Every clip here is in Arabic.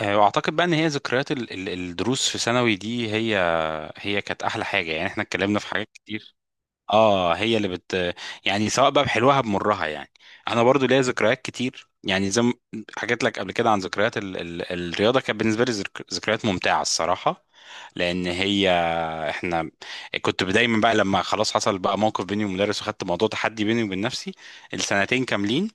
واعتقد بقى ان هي ذكريات الدروس في ثانوي دي هي كانت احلى حاجه. يعني احنا اتكلمنا في حاجات كتير. اه هي اللي بت يعني سواء بقى بحلوها بمرها يعني. انا برضو ليا ذكريات كتير، يعني زي ما حكيت لك قبل كده عن ذكريات الرياضه. كانت بالنسبه لي ذكريات ممتعه الصراحه. لان هي احنا كنت دايما بقى لما خلاص حصل بقى موقف بيني ومدرس، وخدت موضوع تحدي بيني وبين نفسي السنتين كاملين.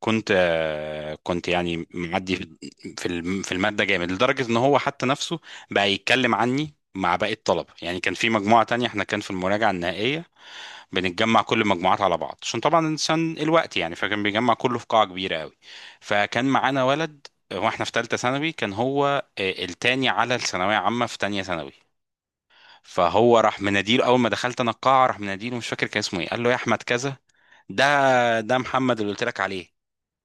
كنت يعني معدي في المادة جامد، لدرجة ان هو حتى نفسه بقى يتكلم عني مع باقي الطلبة. يعني كان في مجموعة تانية، احنا كان في المراجعة النهائية بنتجمع كل المجموعات على بعض، عشان طبعا الانسان الوقت يعني، فكان بيجمع كله في قاعة كبيرة قوي. فكان معانا ولد، واحنا في ثالثة ثانوي كان هو التاني على الثانوية عامة في تانية ثانوي. فهو راح مناديله اول ما دخلت انا القاعه، راح مناديله، مش فاكر كان اسمه ايه، قال له يا احمد كذا، ده ده محمد اللي قلت لك عليه.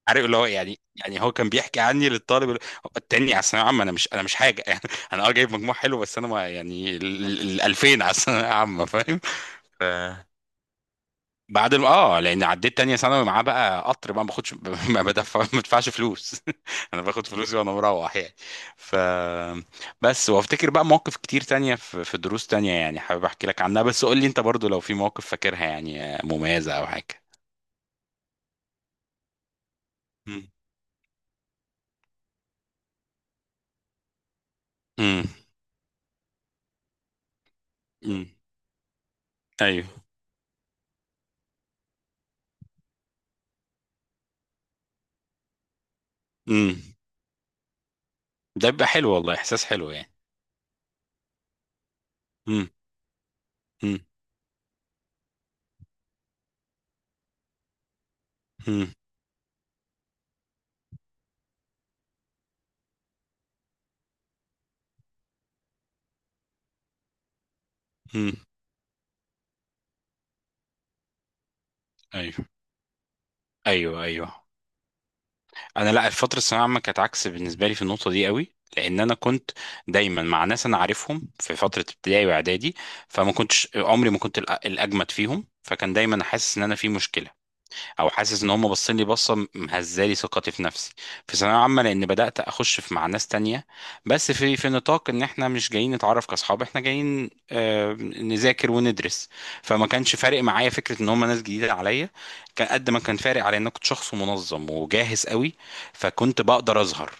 عارف اللي هو، يعني هو كان بيحكي عني للطالب اللي- التاني على الثانويه عامه. انا مش، انا مش حاجه يعني. انا اه جايب مجموع حلو، بس انا ما يعني 2000 على الثانويه عامه فاهم. ف... بعد ما اه لان عديت تانية ثانوي معاه بقى، قطر بقى ما باخدش ما بدفعش فلوس انا باخد فلوسي وانا مروح يعني. ف بس وافتكر بقى مواقف كتير تانية في دروس تانية، يعني حابب احكي لك عنها، بس قول لي انت برضو لو في مواقف فاكرها يعني مميزة او حاجة. مم. مم. مم. ايوه. مم. ده بيبقى حلو والله، احساس حلو يعني. مم. مم. مم. مم. ايوه ايوه ايوه. انا لا، الفتره الثانويه العامه كانت عكس بالنسبه لي في النقطه دي قوي، لان انا كنت دايما مع ناس انا عارفهم في فتره ابتدائي واعدادي. فما كنتش عمري ما كنت الاجمد فيهم، فكان دايما حاسس ان انا في مشكله، او حاسس ان هم باصين لي بصه مهزالي ثقتي في نفسي في ثانويه عامه. لان بدات اخش في مع ناس تانية، بس في في نطاق ان احنا مش جايين نتعرف كاصحاب، احنا جايين نذاكر وندرس. فما كانش فارق معايا فكره ان هم ناس جديده عليا، كان قد ما كان فارق على ان انا كنت شخص منظم وجاهز قوي. فكنت بقدر اظهر،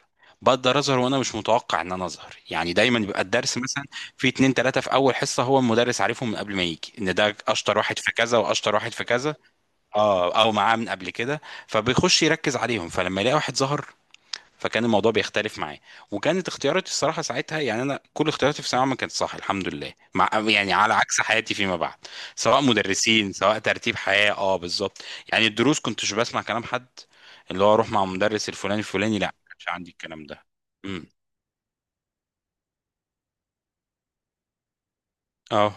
وانا مش متوقع ان انا اظهر. يعني دايما بيبقى الدرس مثلا في اتنين تلاتة في اول حصة، هو المدرس عارفهم من قبل ما يجي، ان ده اشطر واحد في كذا واشطر واحد في كذا، اه او معاه من قبل كده، فبيخش يركز عليهم. فلما يلاقي واحد ظهر فكان الموضوع بيختلف معاه. وكانت اختياراتي الصراحه ساعتها، يعني انا كل اختياراتي في ثانويه عامه كانت صح الحمد لله، مع يعني على عكس حياتي فيما بعد، سواء مدرسين سواء ترتيب حياه اه بالظبط. يعني الدروس كنتش بسمع كلام حد، اللي هو اروح مع مدرس الفلاني الفلاني، لا ما كانش عندي الكلام ده. امم اه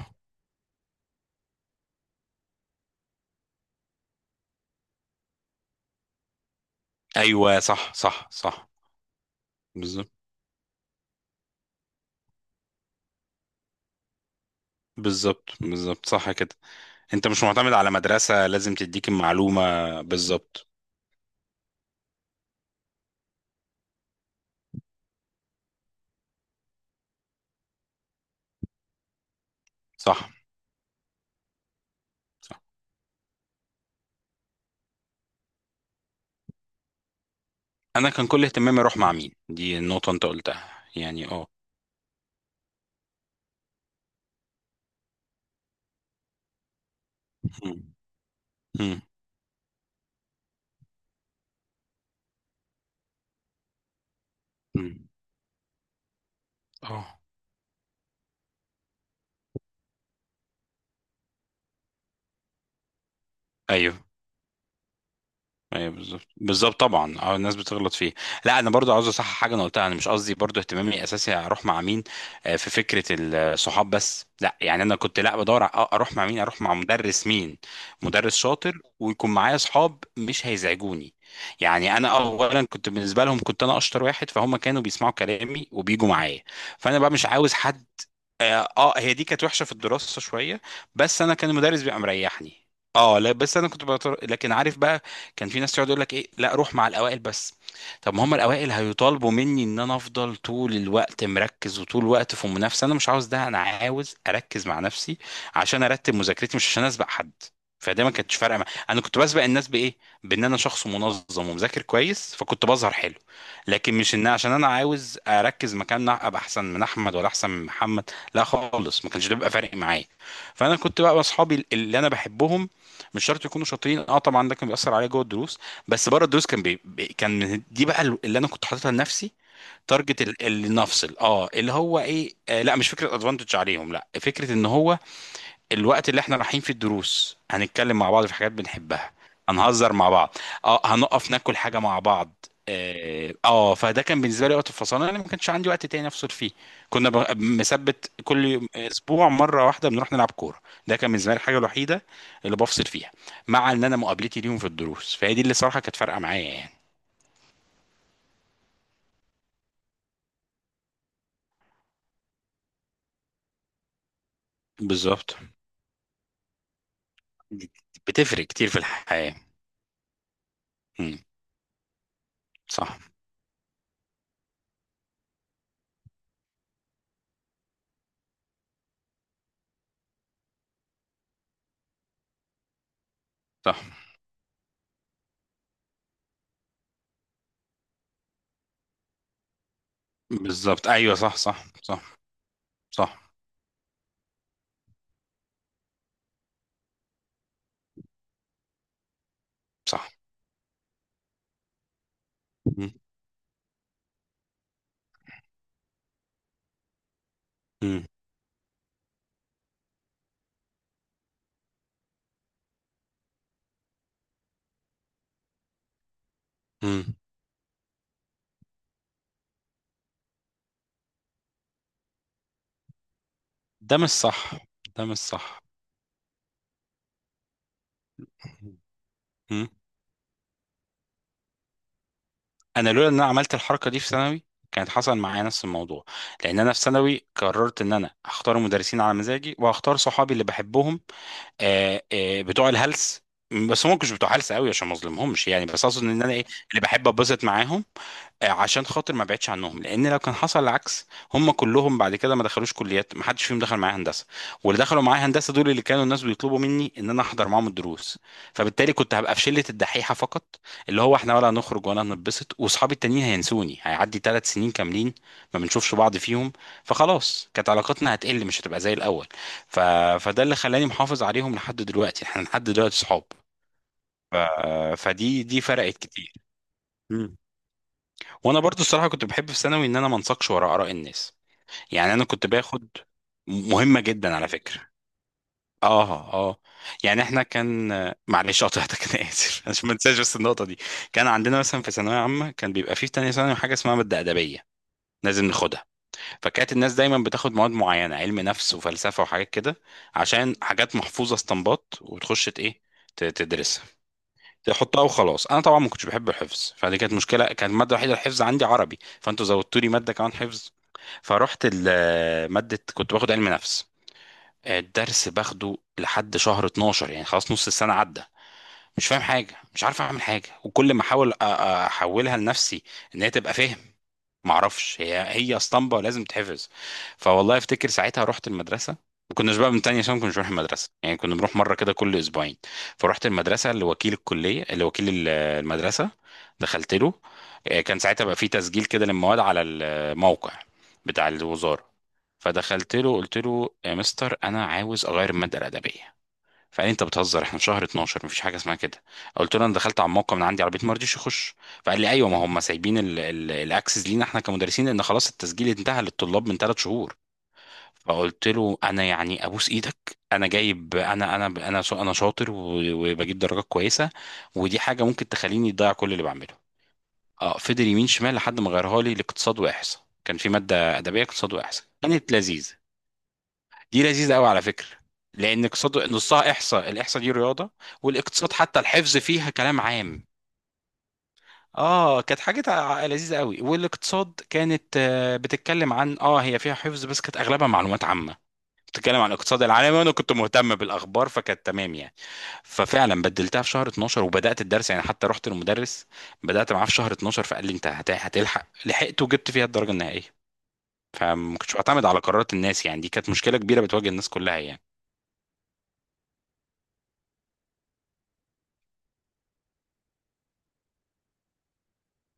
ايوه صح صح صح. بالظبط بالظبط صح كده. انت مش معتمد على مدرسه لازم تديك المعلومه. بالظبط صح صح. انا كان كل اهتمامي اروح مع مين، دي النقطه انت قلتها، يعني اه. مم. مم. مم. اه ايوه ايوه بالظبط بالظبط طبعا اه، الناس بتغلط فيه. لا انا برضو عاوز اصحح حاجه انا قلتها، انا مش قصدي برضو اهتمامي اساسي اروح مع مين. في فكره الصحاب بس لا يعني. انا كنت لا بدور اروح مع مين، اروح مع مدرس مين، مدرس شاطر ويكون معايا صحاب مش هيزعجوني. يعني انا اولا كنت بالنسبه لهم كنت انا اشطر واحد، فهم كانوا بيسمعوا كلامي وبيجوا معايا. فانا بقى مش عاوز حد. اه هي دي كانت وحشه في الدراسه شويه، بس انا كان المدرس بيبقى مريحني. اه لا بس انا كنت بطر... لكن عارف بقى، كان في ناس تقعد يقول لك ايه، لا روح مع الاوائل بس. طب ما هم الاوائل هيطالبوا مني ان انا افضل طول الوقت مركز وطول الوقت في منافسه، انا مش عاوز ده، انا عاوز اركز مع نفسي عشان ارتب مذاكرتي، مش عشان اسبق حد. فده ما كانتش فارقه مع... انا كنت بسبق الناس بايه؟ بان انا شخص منظم ومذاكر كويس، فكنت بظهر حلو. لكن مش ان عشان انا عاوز اركز مكان ابقى احسن من احمد ولا احسن من محمد، لا خالص ما كانش ده بيبقى فارق معايا. فانا كنت بقى اصحابي اللي انا بحبهم، مش شرط يكونوا شاطرين. اه طبعا ده كان بيأثر عليا جوه الدروس، بس بره الدروس كان دي بقى اللي انا كنت حاططها لنفسي. تارجت اللي نفصل، اه اللي هو ايه، آه لا مش فكره ادفانتج عليهم، لا فكره ان هو الوقت اللي احنا رايحين فيه الدروس هنتكلم مع بعض في حاجات بنحبها، هنهزر مع بعض، اه هنقف ناكل حاجة مع بعض. اه فده كان بالنسبة لي وقت الفصل، انا ما كانش عندي وقت تاني افصل فيه. كنا مثبت كل اسبوع مرة واحدة بنروح نلعب كورة، ده كان بالنسبة لي الحاجة الوحيدة اللي بفصل فيها. مع ان انا مقابلتي ليهم في الدروس، فهي دي اللي صراحة كانت فارقة معايا يعني. بالظبط. بتفرق كتير في الحياة. مم. صح. صح بالظبط ايوه صح صح صح. صح صح. مم. مم. مم. ده مش صح، ده مش صح. مم. انا لولا ان انا عملت الحركه دي في ثانوي كانت حصل معايا نفس الموضوع. لان انا في ثانوي قررت ان انا اختار مدرسين على مزاجي واختار صحابي اللي بحبهم. بتوع الهلس، بس هم مش بتوع هلس قوي عشان ما اظلمهمش يعني، بس اقصد ان انا ايه، اللي بحب ابسط معاهم. عشان خاطر ما ابعدش عنهم، لان لو كان حصل العكس، هم كلهم بعد كده ما دخلوش كليات، ما حدش فيهم دخل معايا هندسه، واللي دخلوا معايا هندسه دول اللي كانوا الناس بيطلبوا مني ان انا احضر معاهم الدروس. فبالتالي كنت هبقى في شله الدحيحه فقط، اللي هو احنا ولا هنخرج ولا هنتبسط، واصحابي التانيين هينسوني، هيعدي ثلاث سنين كاملين ما بنشوفش بعض فيهم، فخلاص كانت علاقتنا هتقل، مش هتبقى زي الاول. ف... فده اللي خلاني محافظ عليهم لحد دلوقتي، احنا لحد دلوقتي صحاب. ف... فدي دي فرقت كتير. مم. وانا برضو الصراحه كنت بحب في ثانوي ان انا ما انساقش ورا اراء الناس. يعني انا كنت باخد، مهمه جدا على فكره، اه اه، يعني احنا كان، معلش قطعتك انا اسف عشان ما انساش بس النقطه دي. كان عندنا مثلا في ثانويه عامه كان بيبقى فيه في تانية ثانوي حاجه اسمها ماده ادبيه لازم ناخدها. فكانت الناس دايما بتاخد مواد معينه، علم نفس وفلسفه وحاجات كده، عشان حاجات محفوظه استنباط وتخش ايه تدرسها، تحطها وخلاص. انا طبعا ما كنتش بحب الحفظ، فدي كانت مشكله، كانت الماده الوحيده الحفظ عندي عربي، فانتوا زودتوا لي ماده كمان حفظ. فرحت ماده كنت باخد علم نفس، الدرس باخده لحد شهر 12 يعني خلاص نص السنه عدى. مش فاهم حاجه، مش عارف اعمل حاجه، وكل ما احاول احولها لنفسي ان هي تبقى فهم، معرفش، هي اسطمبة لازم تحفظ. فوالله افتكر ساعتها رحت المدرسة، ما كناش بقى من تانية عشان ما كناش بنروح المدرسة، يعني كنا بنروح مرة كده كل أسبوعين. فرحت المدرسة لوكيل الكلية، لوكيل المدرسة، دخلت له. كان ساعتها بقى في تسجيل كده للمواد على الموقع بتاع الوزارة. فدخلت له قلت له يا مستر أنا عاوز أغير المادة الأدبية. فقال لي انت بتهزر، احنا في شهر 12 مفيش حاجه اسمها كده. قلت له انا دخلت على الموقع من عندي على البيت ما رضيش يخش. فقال لي ايوه ما هم سايبين الاكسس لينا احنا كمدرسين، لان خلاص التسجيل انتهى للطلاب من ثلاث شهور. فقلت له انا يعني ابوس ايدك، انا جايب، انا شاطر وبجيب درجات كويسه، ودي حاجه ممكن تخليني اضيع كل اللي بعمله. اه فضل يمين شمال لحد ما غيرها لي لاقتصاد واحصاء، كان في ماده ادبيه اقتصاد واحصاء كانت لذيذه. دي لذيذة قوي على فكرة، لأن اقتصاد نصها إحصاء، الإحصاء دي رياضة، والاقتصاد حتى الحفظ فيها كلام عام. اه كانت حاجة لذيذة قوي. والاقتصاد كانت بتتكلم عن اه، هي فيها حفظ بس كانت أغلبها معلومات عامة، بتتكلم عن الاقتصاد العالمي، وانا كنت مهتم بالاخبار فكانت تمام يعني. ففعلا بدلتها في شهر 12 وبدات الدرس، يعني حتى رحت للمدرس بدات معاه في شهر 12، فقال لي انت هتلحق، لحقت وجبت فيها الدرجه النهائيه. فما كنتش بعتمد على قرارات الناس، يعني دي كانت مشكله كبيره بتواجه الناس كلها يعني.